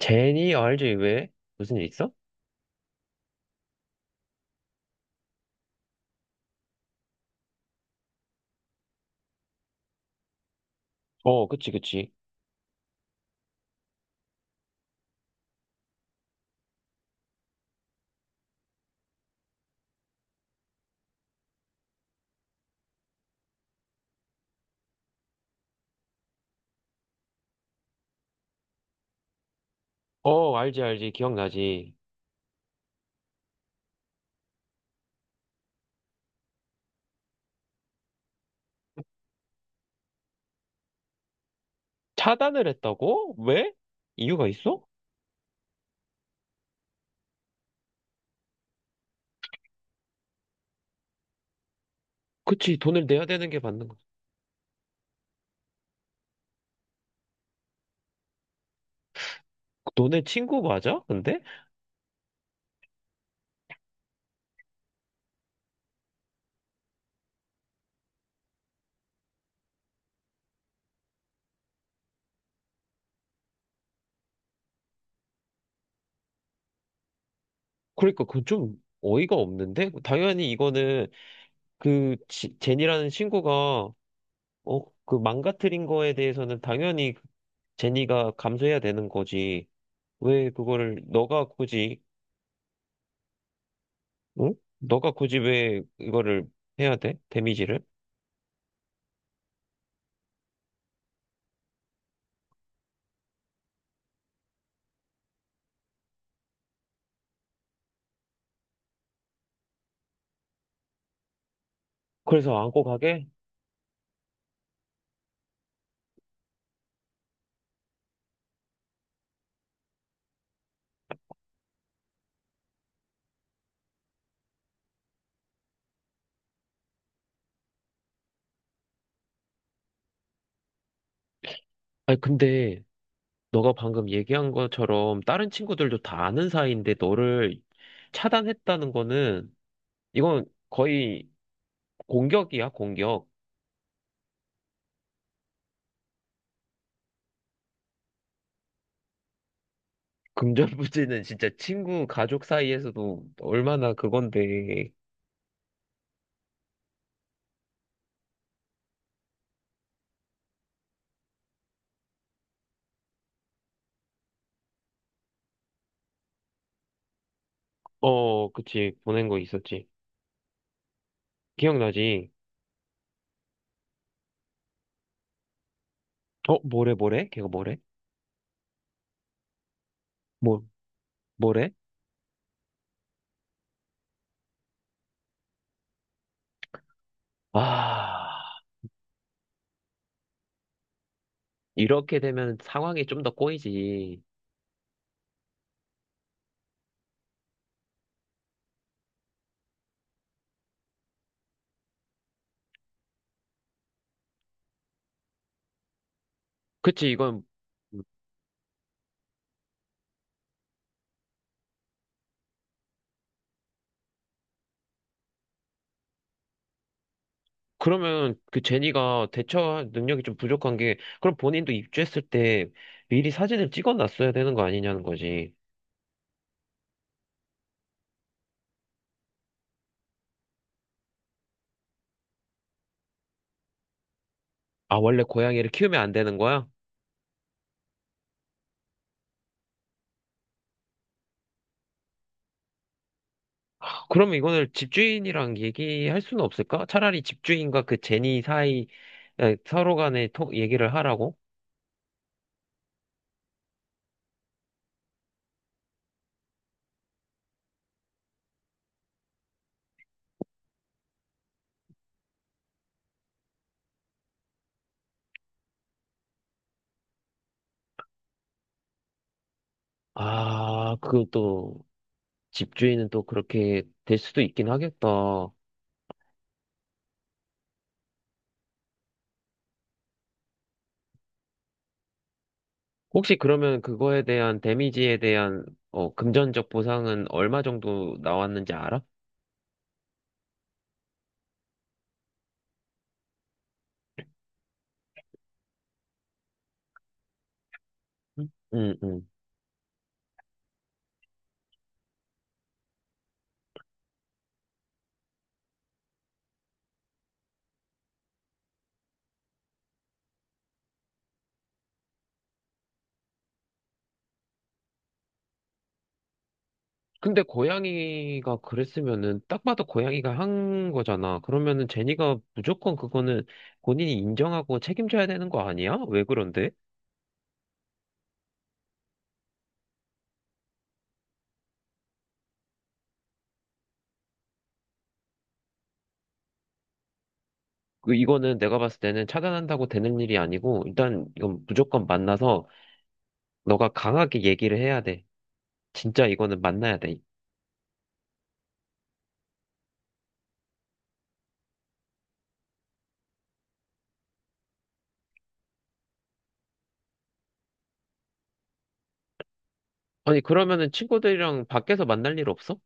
제니, 어, 알지, 왜? 무슨 일 있어? 어, 그치, 그치. 어, 알지, 알지. 기억나지. 차단을 했다고? 왜? 이유가 있어? 그치, 돈을 내야 되는 게 맞는 거. 너네 친구 맞아? 근데? 그러니까 그건 좀 어이가 없는데? 당연히 이거는 그 제니라는 친구가 어, 그 망가뜨린 거에 대해서는 당연히 제니가 감수해야 되는 거지. 왜 그거를 너가 굳이, 응? 너가 굳이 왜 이거를 해야 돼? 데미지를? 그래서 안고 가게? 아니, 근데 너가 방금 얘기한 것처럼 다른 친구들도 다 아는 사이인데 너를 차단했다는 거는 이건 거의 공격이야, 공격. 금전부지는 진짜 친구, 가족 사이에서도 얼마나 그건데. 어, 그치. 보낸 거 있었지. 기억나지? 어, 뭐래, 뭐래? 걔가 뭐래? 뭐, 뭐래? 아, 이렇게 되면 상황이 좀 더 꼬이지. 그치, 이건. 그러면 그 제니가 대처 능력이 좀 부족한 게, 그럼 본인도 입주했을 때 미리 사진을 찍어놨어야 되는 거 아니냐는 거지. 아, 원래 고양이를 키우면 안 되는 거야? 그러면 이거는 집주인이랑 얘기할 수는 없을까? 차라리 집주인과 그 제니 사이, 에, 서로 간에 톡 얘기를 하라고? 아, 그것도 집주인은 또 그렇게 될 수도 있긴 하겠다. 혹시 그러면 그거에 대한 데미지에 대한 어, 금전적 보상은 얼마 정도 나왔는지 알아? 응, 응. 응. 근데 고양이가 그랬으면은 딱 봐도 고양이가 한 거잖아. 그러면은 제니가 무조건 그거는 본인이 인정하고 책임져야 되는 거 아니야? 왜 그런데? 그 이거는 내가 봤을 때는 차단한다고 되는 일이 아니고 일단 이건 무조건 만나서 너가 강하게 얘기를 해야 돼. 진짜 이거는 만나야 돼. 아니 그러면은 친구들이랑 밖에서 만날 일 없어?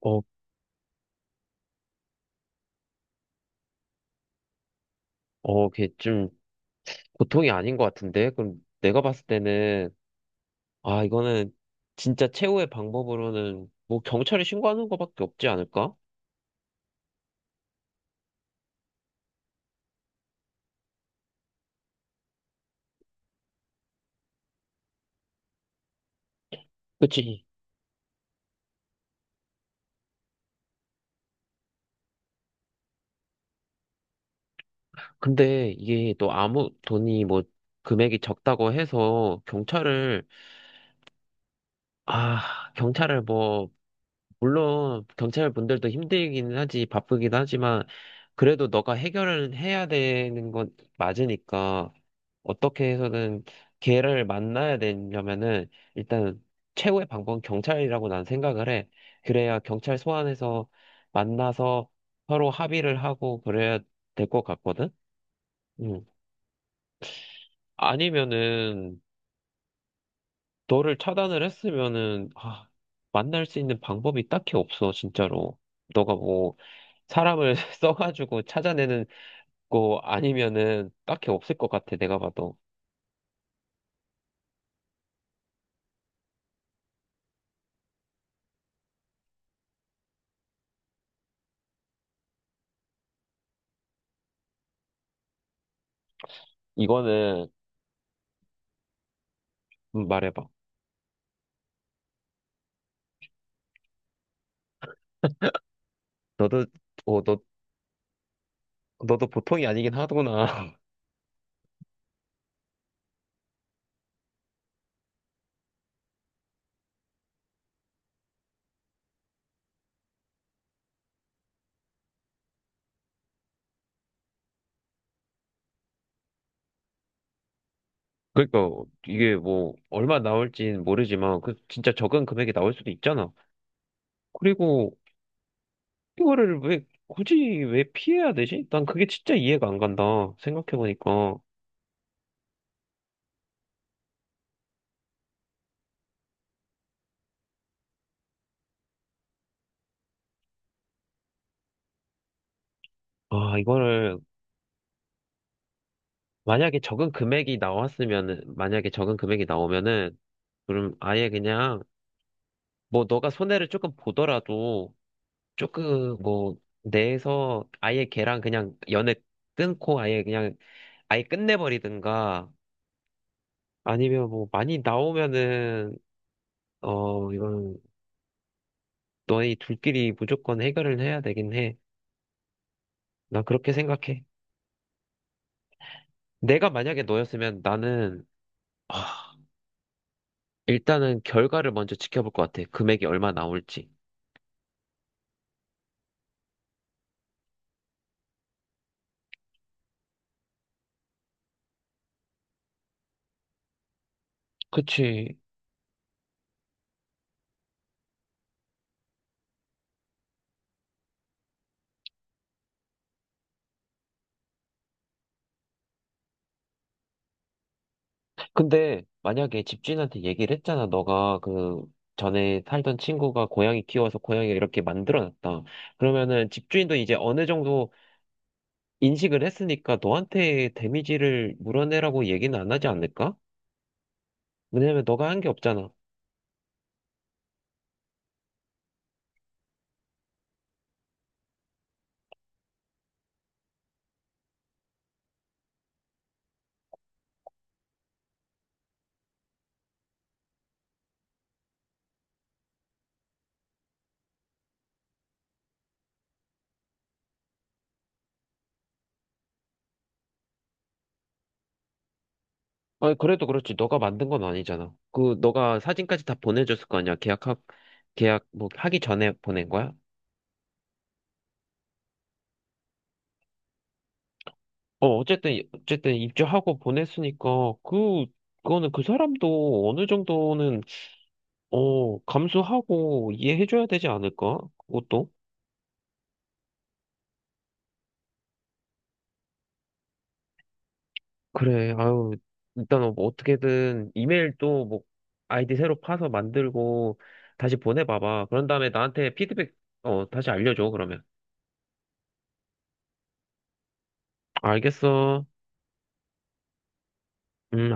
어, 어, 걔 좀 고통이 아닌 것 같은데? 그럼 내가 봤을 때는 아, 이거는 진짜 최후의 방법으로는 뭐 경찰에 신고하는 거밖에 없지 않을까? 그치? 근데 이게 또 아무 돈이 뭐 금액이 적다고 해서 경찰을, 아, 경찰을 뭐, 물론 경찰분들도 힘들긴 하지, 바쁘긴 하지만 그래도 너가 해결을 해야 되는 건 맞으니까 어떻게 해서든 걔를 만나야 되려면은 일단 최고의 방법은 경찰이라고 난 생각을 해. 그래야 경찰 소환해서 만나서 서로 합의를 하고 그래야 될 것 같거든? 음. 아니면은 너를 차단을 했으면은 아, 만날 수 있는 방법이 딱히 없어, 진짜로. 너가 뭐 사람을 써가지고 찾아내는 고 아니면은 딱히 없을 것 같아 내가 봐도 이거는 말해봐 너도 어, 너 너도 보통이 아니긴 하구나 그러니까 이게 뭐 얼마 나올진 모르지만 그 진짜 적은 금액이 나올 수도 있잖아 그리고 이거를 왜 굳이 왜 피해야 되지? 난 그게 진짜 이해가 안 간다 생각해보니까 아 이거를 만약에 적은 금액이 나왔으면은 만약에 적은 금액이 나오면은 그럼 아예 그냥 뭐 너가 손해를 조금 보더라도 조금 뭐 내에서 아예 걔랑 그냥 연애 끊고 아예 그냥 아예 끝내버리든가 아니면 뭐 많이 나오면은 어 이건 너희 둘끼리 무조건 해결을 해야 되긴 해. 난 그렇게 생각해. 내가 만약에 너였으면 나는 아, 일단은 결과를 먼저 지켜볼 것 같아. 금액이 얼마 나올지. 그치. 근데 만약에 집주인한테 얘기를 했잖아. 너가 그 전에 살던 친구가 고양이 키워서 고양이를 이렇게 만들어놨다. 그러면은 집주인도 이제 어느 정도 인식을 했으니까 너한테 데미지를 물어내라고 얘기는 안 하지 않을까? 왜냐면 너가 한 게 없잖아. 아니, 그래도 그렇지. 너가 만든 건 아니잖아. 그 너가 사진까지 다 보내줬을 거 아니야. 계약 뭐 하기 전에 보낸 거야? 어, 어쨌든 어쨌든 입주하고 보냈으니까 그 그거는 그 사람도 어느 정도는 어, 감수하고 이해해줘야 되지 않을까? 그것도? 그래, 아유, 일단 뭐 어떻게든 이메일도 뭐 아이디 새로 파서 만들고 다시 보내봐봐. 그런 다음에 나한테 피드백, 어, 다시 알려줘, 그러면. 알겠어. 음.